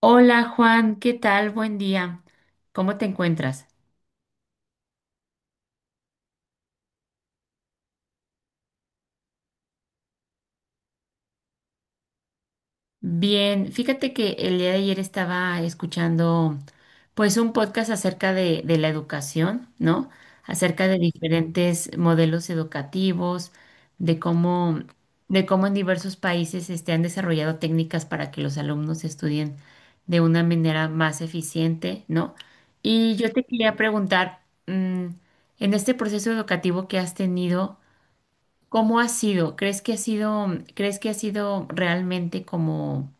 Hola Juan, ¿qué tal? Buen día. ¿Cómo te encuentras? Bien, fíjate que el día de ayer estaba escuchando pues un podcast acerca de la educación, ¿no? Acerca de diferentes modelos educativos, de cómo, de cómo en diversos países han desarrollado técnicas para que los alumnos estudien de una manera más eficiente, ¿no? Y yo te quería preguntar, en este proceso educativo que has tenido, ¿cómo ha sido? ¿Crees que ha sido realmente como,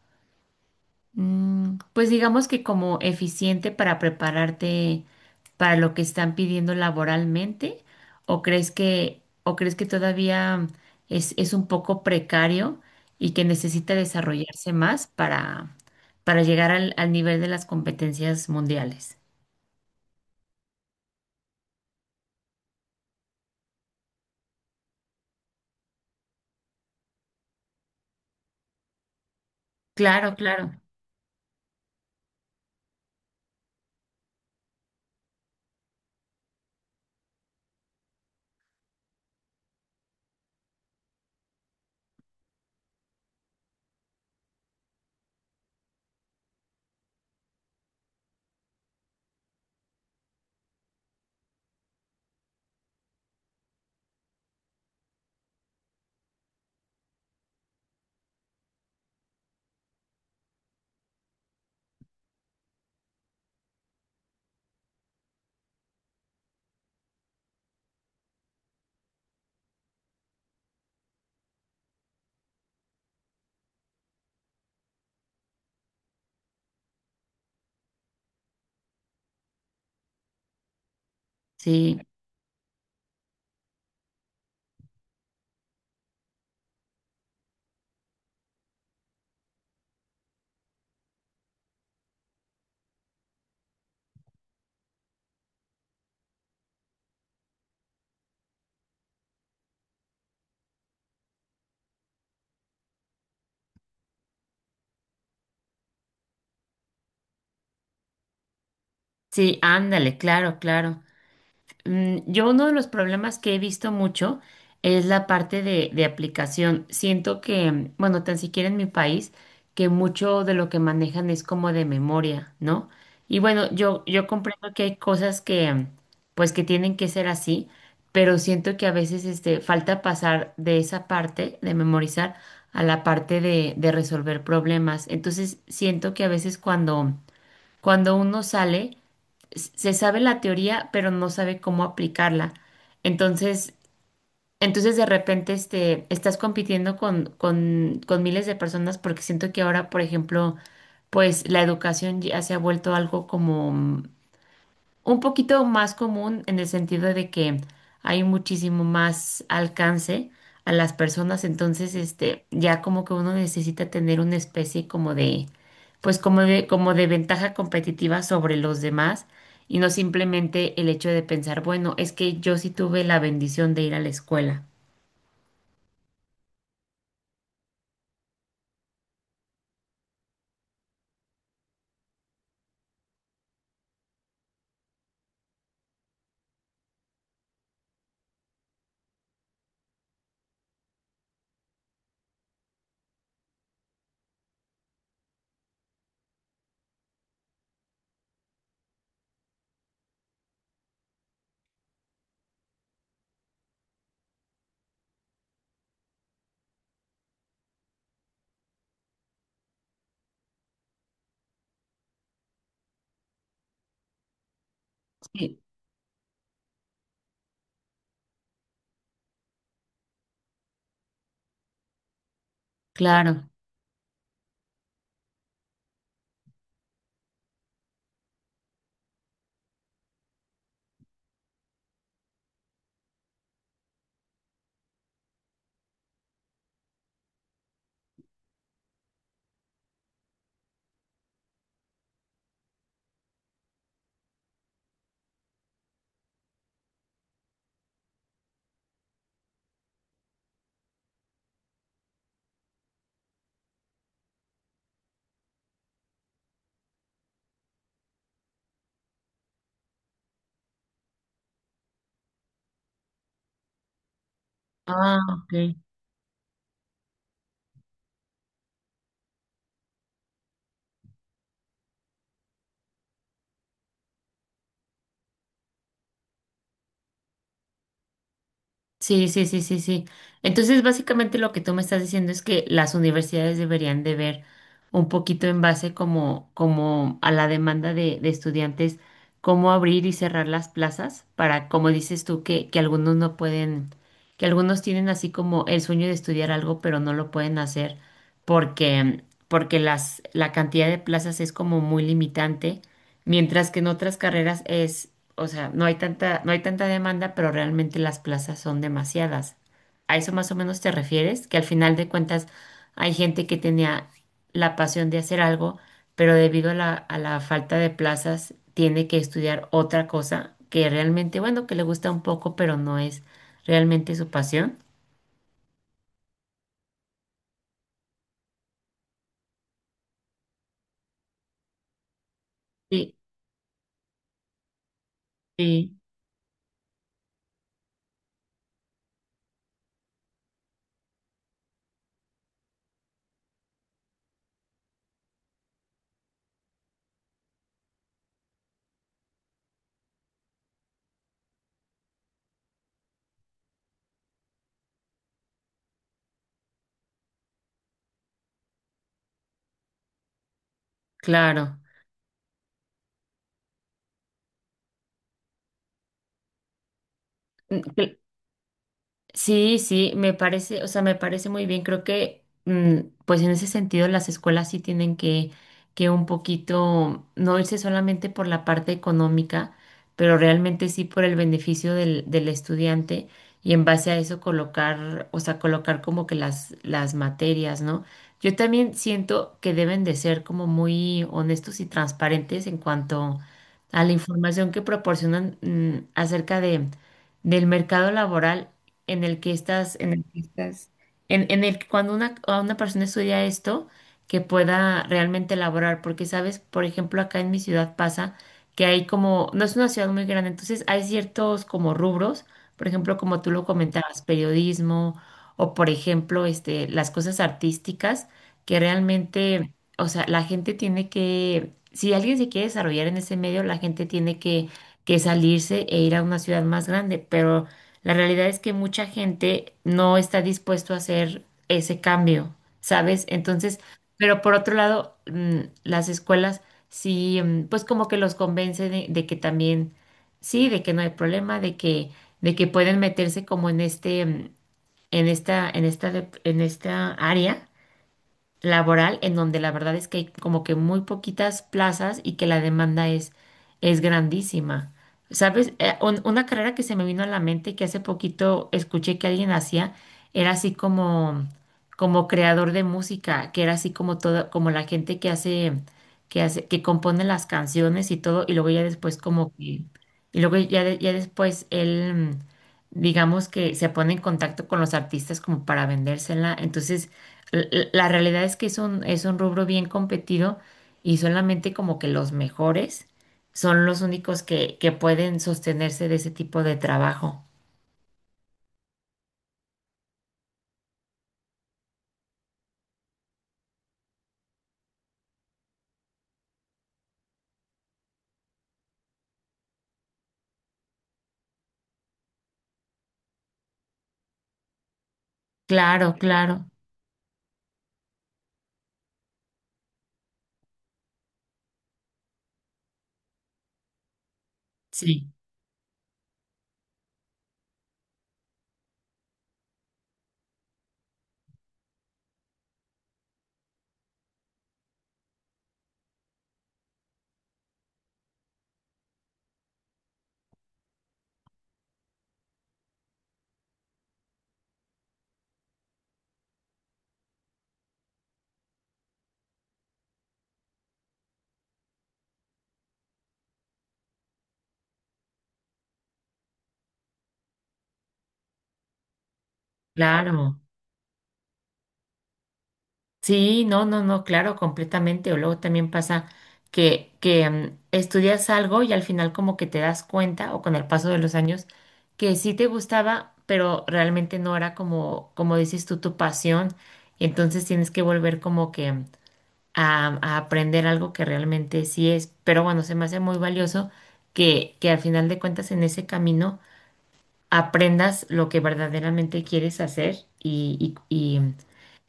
pues digamos que como eficiente para prepararte para lo que están pidiendo laboralmente? ¿O crees que todavía es un poco precario y que necesita desarrollarse más para llegar al nivel de las competencias mundiales? Claro, claro. Sí, sí, ándale, claro, claro. Yo, uno de los problemas que he visto mucho es la parte de aplicación. Siento que, bueno, tan siquiera en mi país, que mucho de lo que manejan es como de memoria, ¿no? Y bueno, yo comprendo que hay cosas que, pues, que tienen que ser así, pero siento que a veces, falta pasar de esa parte de memorizar a la parte de resolver problemas. Entonces, siento que a veces cuando uno sale, se sabe la teoría, pero no sabe cómo aplicarla. Entonces, de repente estás compitiendo con miles de personas, porque siento que ahora, por ejemplo, pues la educación ya se ha vuelto algo como, un poquito más común, en el sentido de que hay muchísimo más alcance a las personas. Entonces ya como que uno necesita tener una especie como de pues como de ventaja competitiva sobre los demás, y no simplemente el hecho de pensar, bueno, es que yo sí tuve la bendición de ir a la escuela. Sí, claro. Ah, ok. Sí, sí, sí, sí, sí. Entonces, básicamente lo que tú me estás diciendo es que las universidades deberían de ver un poquito en base, como a la demanda de estudiantes, cómo abrir y cerrar las plazas para, como dices tú, que algunos no pueden, que algunos tienen así como el sueño de estudiar algo, pero no lo pueden hacer porque, porque la cantidad de plazas es como muy limitante. Mientras que en otras carreras es, o sea, no hay tanta demanda, pero realmente las plazas son demasiadas. ¿A eso más o menos te refieres? Que al final de cuentas hay gente que tenía la pasión de hacer algo, pero debido a la falta de plazas tiene que estudiar otra cosa que realmente, bueno, que le gusta un poco, pero no es realmente su pasión. Sí, sí, claro. Sí, sí, me parece, o sea, me parece muy bien. Creo que, pues en ese sentido, las escuelas sí tienen que un poquito, no irse solamente por la parte económica, pero realmente sí por el beneficio del estudiante, y en base a eso colocar, o sea, colocar como que las materias, ¿no? Yo también siento que deben de ser como muy honestos y transparentes en cuanto a la información que proporcionan, acerca de del mercado laboral en el que estás, en el que, cuando a una persona estudia esto, que pueda realmente elaborar. Porque sabes, por ejemplo, acá en mi ciudad pasa que hay como, no es una ciudad muy grande, entonces hay ciertos como rubros. Por ejemplo, como tú lo comentabas, periodismo, o por ejemplo, las cosas artísticas, que realmente, o sea, la gente tiene que, si alguien se quiere desarrollar en ese medio, la gente tiene que salirse e ir a una ciudad más grande, pero la realidad es que mucha gente no está dispuesto a hacer ese cambio, ¿sabes? Entonces, pero por otro lado, las escuelas sí, pues como que los convence de que también, sí, de que no hay problema, de que pueden meterse como en en esta área laboral, en donde la verdad es que hay como que muy poquitas plazas y que la demanda es grandísima. ¿Sabes? Una carrera que se me vino a la mente, y que hace poquito escuché que alguien hacía, era así como, como creador de música, que era así como toda, como la gente que hace, que compone las canciones y todo, y luego ya después como que, y luego ya, ya después él, digamos que se pone en contacto con los artistas como para vendérsela. Entonces, la realidad es que es un rubro bien competido, y solamente como que los mejores son los únicos que pueden sostenerse de ese tipo de trabajo. Claro, claro, sí, claro. Sí, no, no, no, claro, completamente. O luego también pasa que estudias algo y al final como que te das cuenta, o con el paso de los años, que sí te gustaba, pero realmente no era, como como dices tú, tu pasión. Y entonces tienes que volver como que... mm, a aprender algo que realmente sí es. Pero bueno, se me hace muy valioso que al final de cuentas en ese camino aprendas lo que verdaderamente quieres hacer,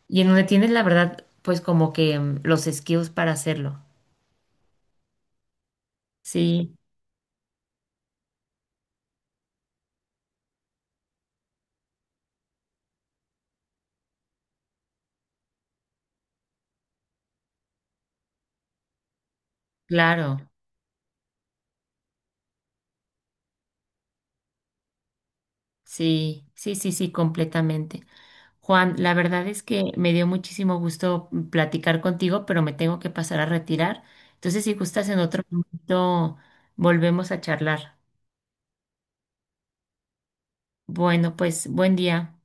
y en donde tienes la verdad, pues como que, los skills para hacerlo. Sí, claro. Sí, sí, sí, sí, completamente. Juan, la verdad es que me dio muchísimo gusto platicar contigo, pero me tengo que pasar a retirar. Entonces, si gustas, en otro momento volvemos a charlar. Bueno, pues buen día.